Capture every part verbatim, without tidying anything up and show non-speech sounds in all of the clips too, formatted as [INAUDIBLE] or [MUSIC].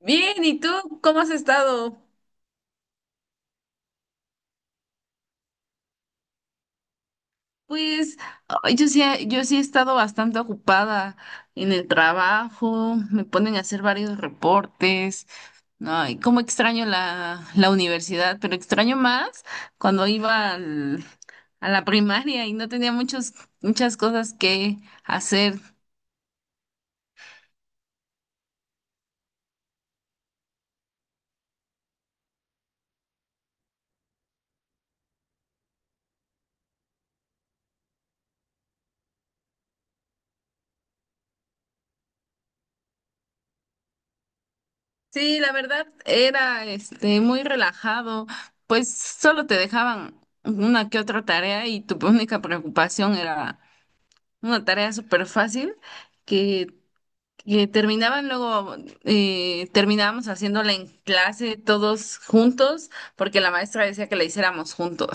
Bien, ¿y tú cómo has estado? Pues ay, yo sí, he- yo sí he estado bastante ocupada en el trabajo, me ponen a hacer varios reportes. Ay, cómo extraño la, la universidad, pero extraño más cuando iba al- a la primaria y no tenía muchos, muchas cosas que hacer. Sí, la verdad, era este muy relajado, pues solo te dejaban una que otra tarea y tu [LAUGHS] única preocupación era una tarea súper fácil que, que terminaban luego, eh, terminábamos haciéndola en clase todos juntos porque la maestra decía que la hiciéramos juntos.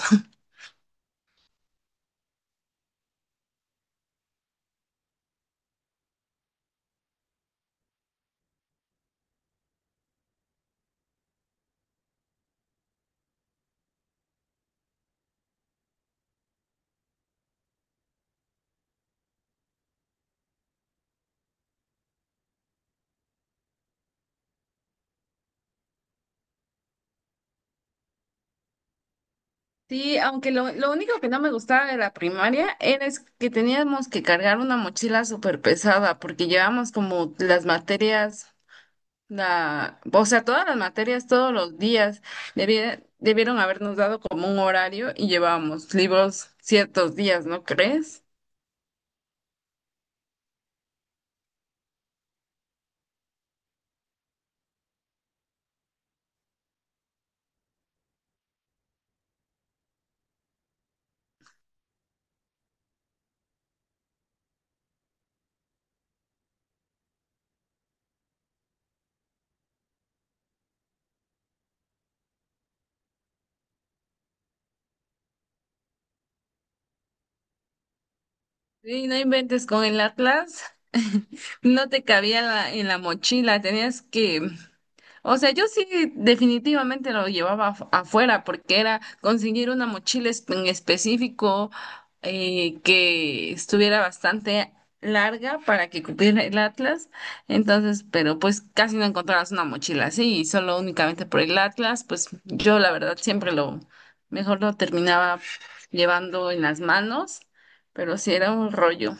Sí, aunque lo, lo único que no me gustaba de la primaria era es que teníamos que cargar una mochila súper pesada porque llevamos como las materias, la, o sea, todas las materias todos los días. Debie- debieron habernos dado como un horario y llevábamos libros ciertos días, ¿no crees? Sí, no inventes con el Atlas. [LAUGHS] No te cabía la- en la mochila, tenías que, o sea, yo sí definitivamente lo llevaba af- afuera, porque era conseguir una mochila es- en específico eh, que estuviera bastante larga para que cupiera el Atlas. Entonces, pero pues casi no encontrabas una mochila así y solo únicamente por el Atlas, pues yo la verdad siempre lo mejor lo terminaba llevando en las manos, pero sí era un rollo.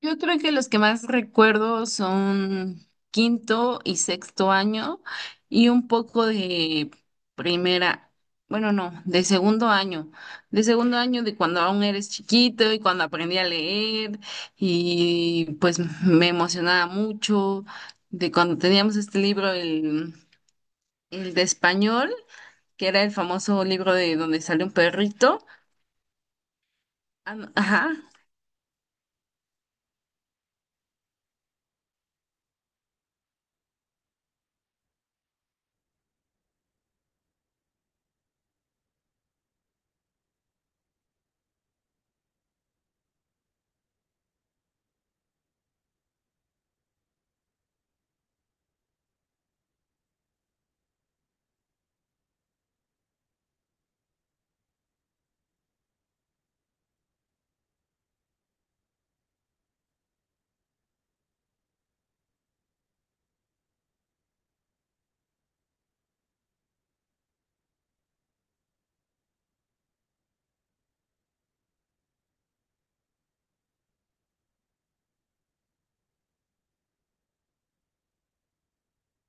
Yo creo que los que más recuerdo son quinto y sexto año y un poco de primera, bueno, no, de segundo año, de segundo año de cuando aún eres chiquito y cuando aprendí a leer y pues me emocionaba mucho de cuando teníamos este libro, el, el de español, que era el famoso libro de donde sale un perrito. Ah, no, ajá.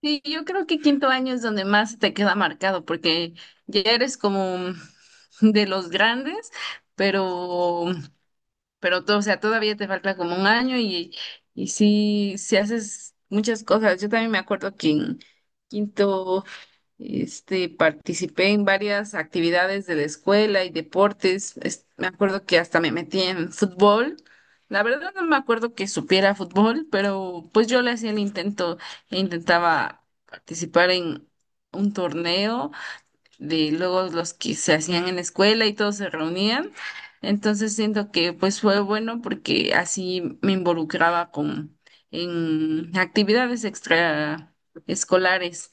Sí, yo creo que quinto año es donde más te queda marcado, porque ya eres como [LAUGHS] de los grandes, pero, pero todo, o sea, todavía te falta como un año y, y sí, sí haces muchas cosas. Yo también me acuerdo que en quinto. Este, participé en varias actividades de la escuela y deportes. Es- me acuerdo que hasta me metí en fútbol. La verdad no me acuerdo que supiera fútbol, pero pues yo le hacía el intento e intentaba participar en un torneo de luego los que se hacían en la escuela y todos se reunían. Entonces siento que pues fue bueno porque así me involucraba con en actividades extraescolares.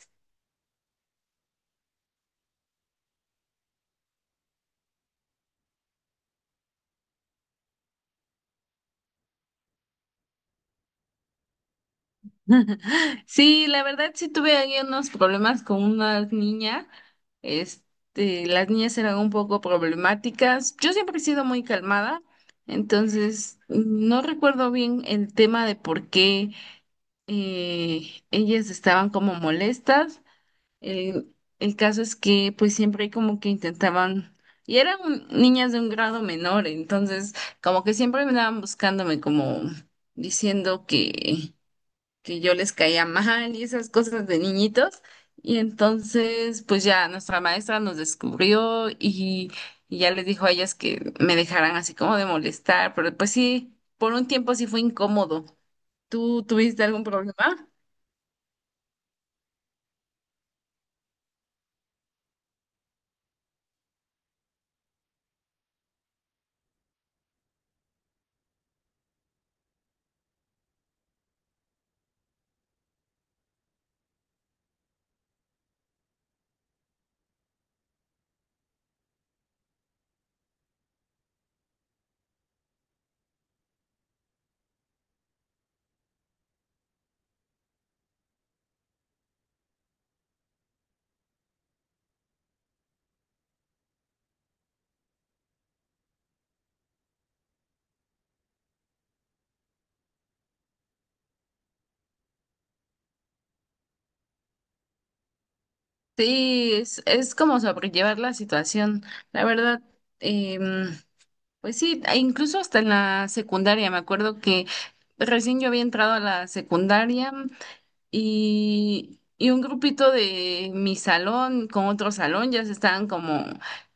Sí, la verdad sí tuve ahí unos problemas con una niña. Este, las niñas eran un poco problemáticas. Yo siempre he sido muy calmada, entonces no recuerdo bien el tema de por qué eh, ellas estaban como molestas. El, el caso es que pues siempre como que intentaban, y eran un- niñas de un grado menor, entonces como que siempre me andaban buscándome como diciendo que que yo les caía mal y esas cosas de niñitos. Y entonces, pues ya nuestra maestra nos descubrió y, y ya les dijo a ellas que me dejaran así como de molestar, pero pues sí, por un tiempo sí fue incómodo. ¿Tú tuviste algún problema? Sí, es, es como sobrellevar la situación. La verdad, em, pues sí, e incluso hasta en la secundaria, me acuerdo que recién yo había entrado a la secundaria. Y, y un grupito de mi salón con otro salón ya se estaban como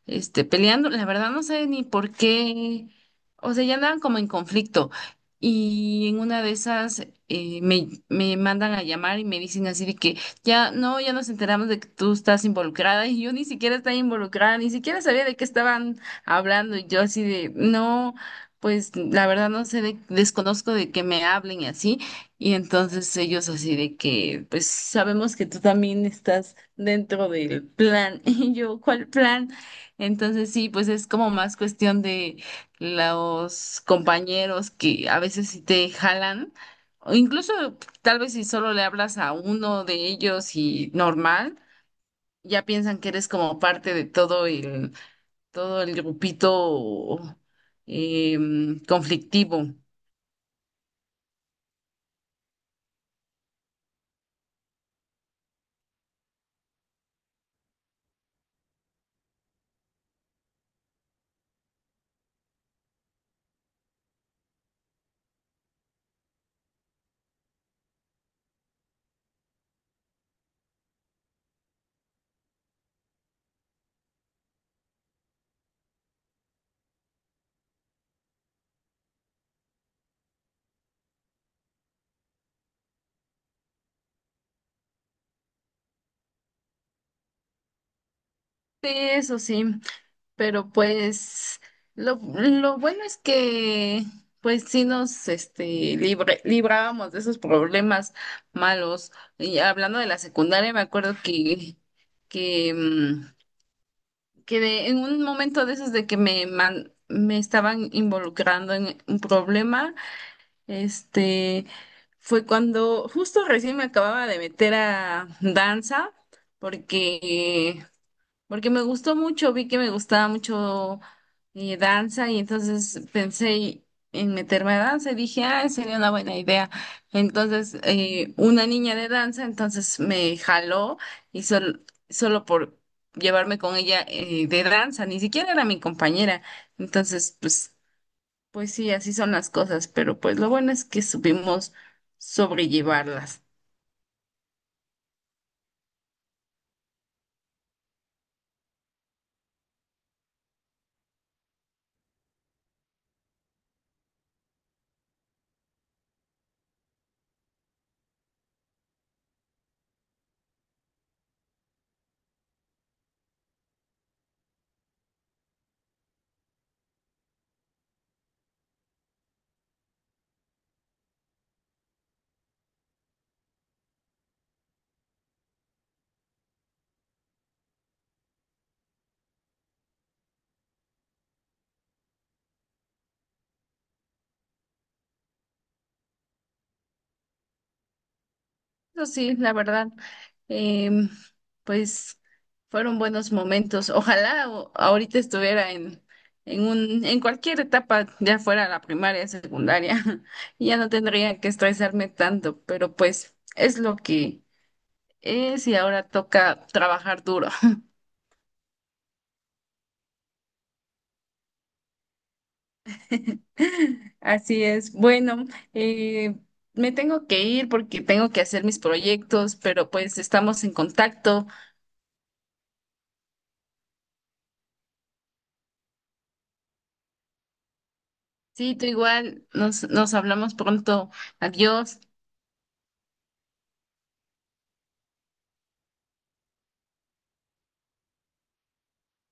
este, peleando. La verdad no sé ni por qué. O sea, ya andaban como en conflicto. Y en una de esas eh, me, me mandan a llamar y me dicen así de que ya no, ya nos enteramos de que tú estás involucrada y yo ni siquiera estaba involucrada, ni siquiera sabía de qué estaban hablando. Y yo así de, no, pues la verdad no sé, de- desconozco de que me hablen y así. Y entonces ellos así de que, pues sabemos que tú también estás dentro del plan. [LAUGHS] Y yo, ¿cuál plan? Entonces sí, pues es como más cuestión de los compañeros que a veces sí te jalan. O incluso tal vez si solo le hablas a uno de ellos y normal, ya piensan que eres como parte de todo el, todo el grupito em, conflictivo. Sí, eso sí. Pero pues lo, lo bueno es que pues sí nos este, libre- librábamos de esos problemas malos. Y hablando de la secundaria, me acuerdo que, que, mm, que de- en un momento de esos de que me, man- me estaban involucrando en un problema, este, fue cuando justo recién me acababa de meter a danza, porque porque me gustó mucho, vi que me gustaba mucho eh, danza y entonces pensé en meterme a danza y dije, ah, sería una buena idea. Entonces, eh, una niña de danza, entonces me jaló y solo, solo por llevarme con ella eh, de danza, ni siquiera era mi compañera. Entonces, pues, pues sí, así son las cosas, pero pues lo bueno es que supimos sobrellevarlas. Eso sí, la verdad, em, pues fueron buenos momentos. Ojalá o- ahorita estuviera en, en un, en cualquier etapa, ya fuera la primaria, secundaria, [LAUGHS] y ya no tendría que estresarme tanto, pero pues es lo que es y ahora toca trabajar duro. [LAUGHS] Así es. Bueno, eh, me tengo que ir porque tengo que hacer mis proyectos, pero pues estamos en contacto. Sí, tú igual. Nos, nos hablamos pronto. Adiós.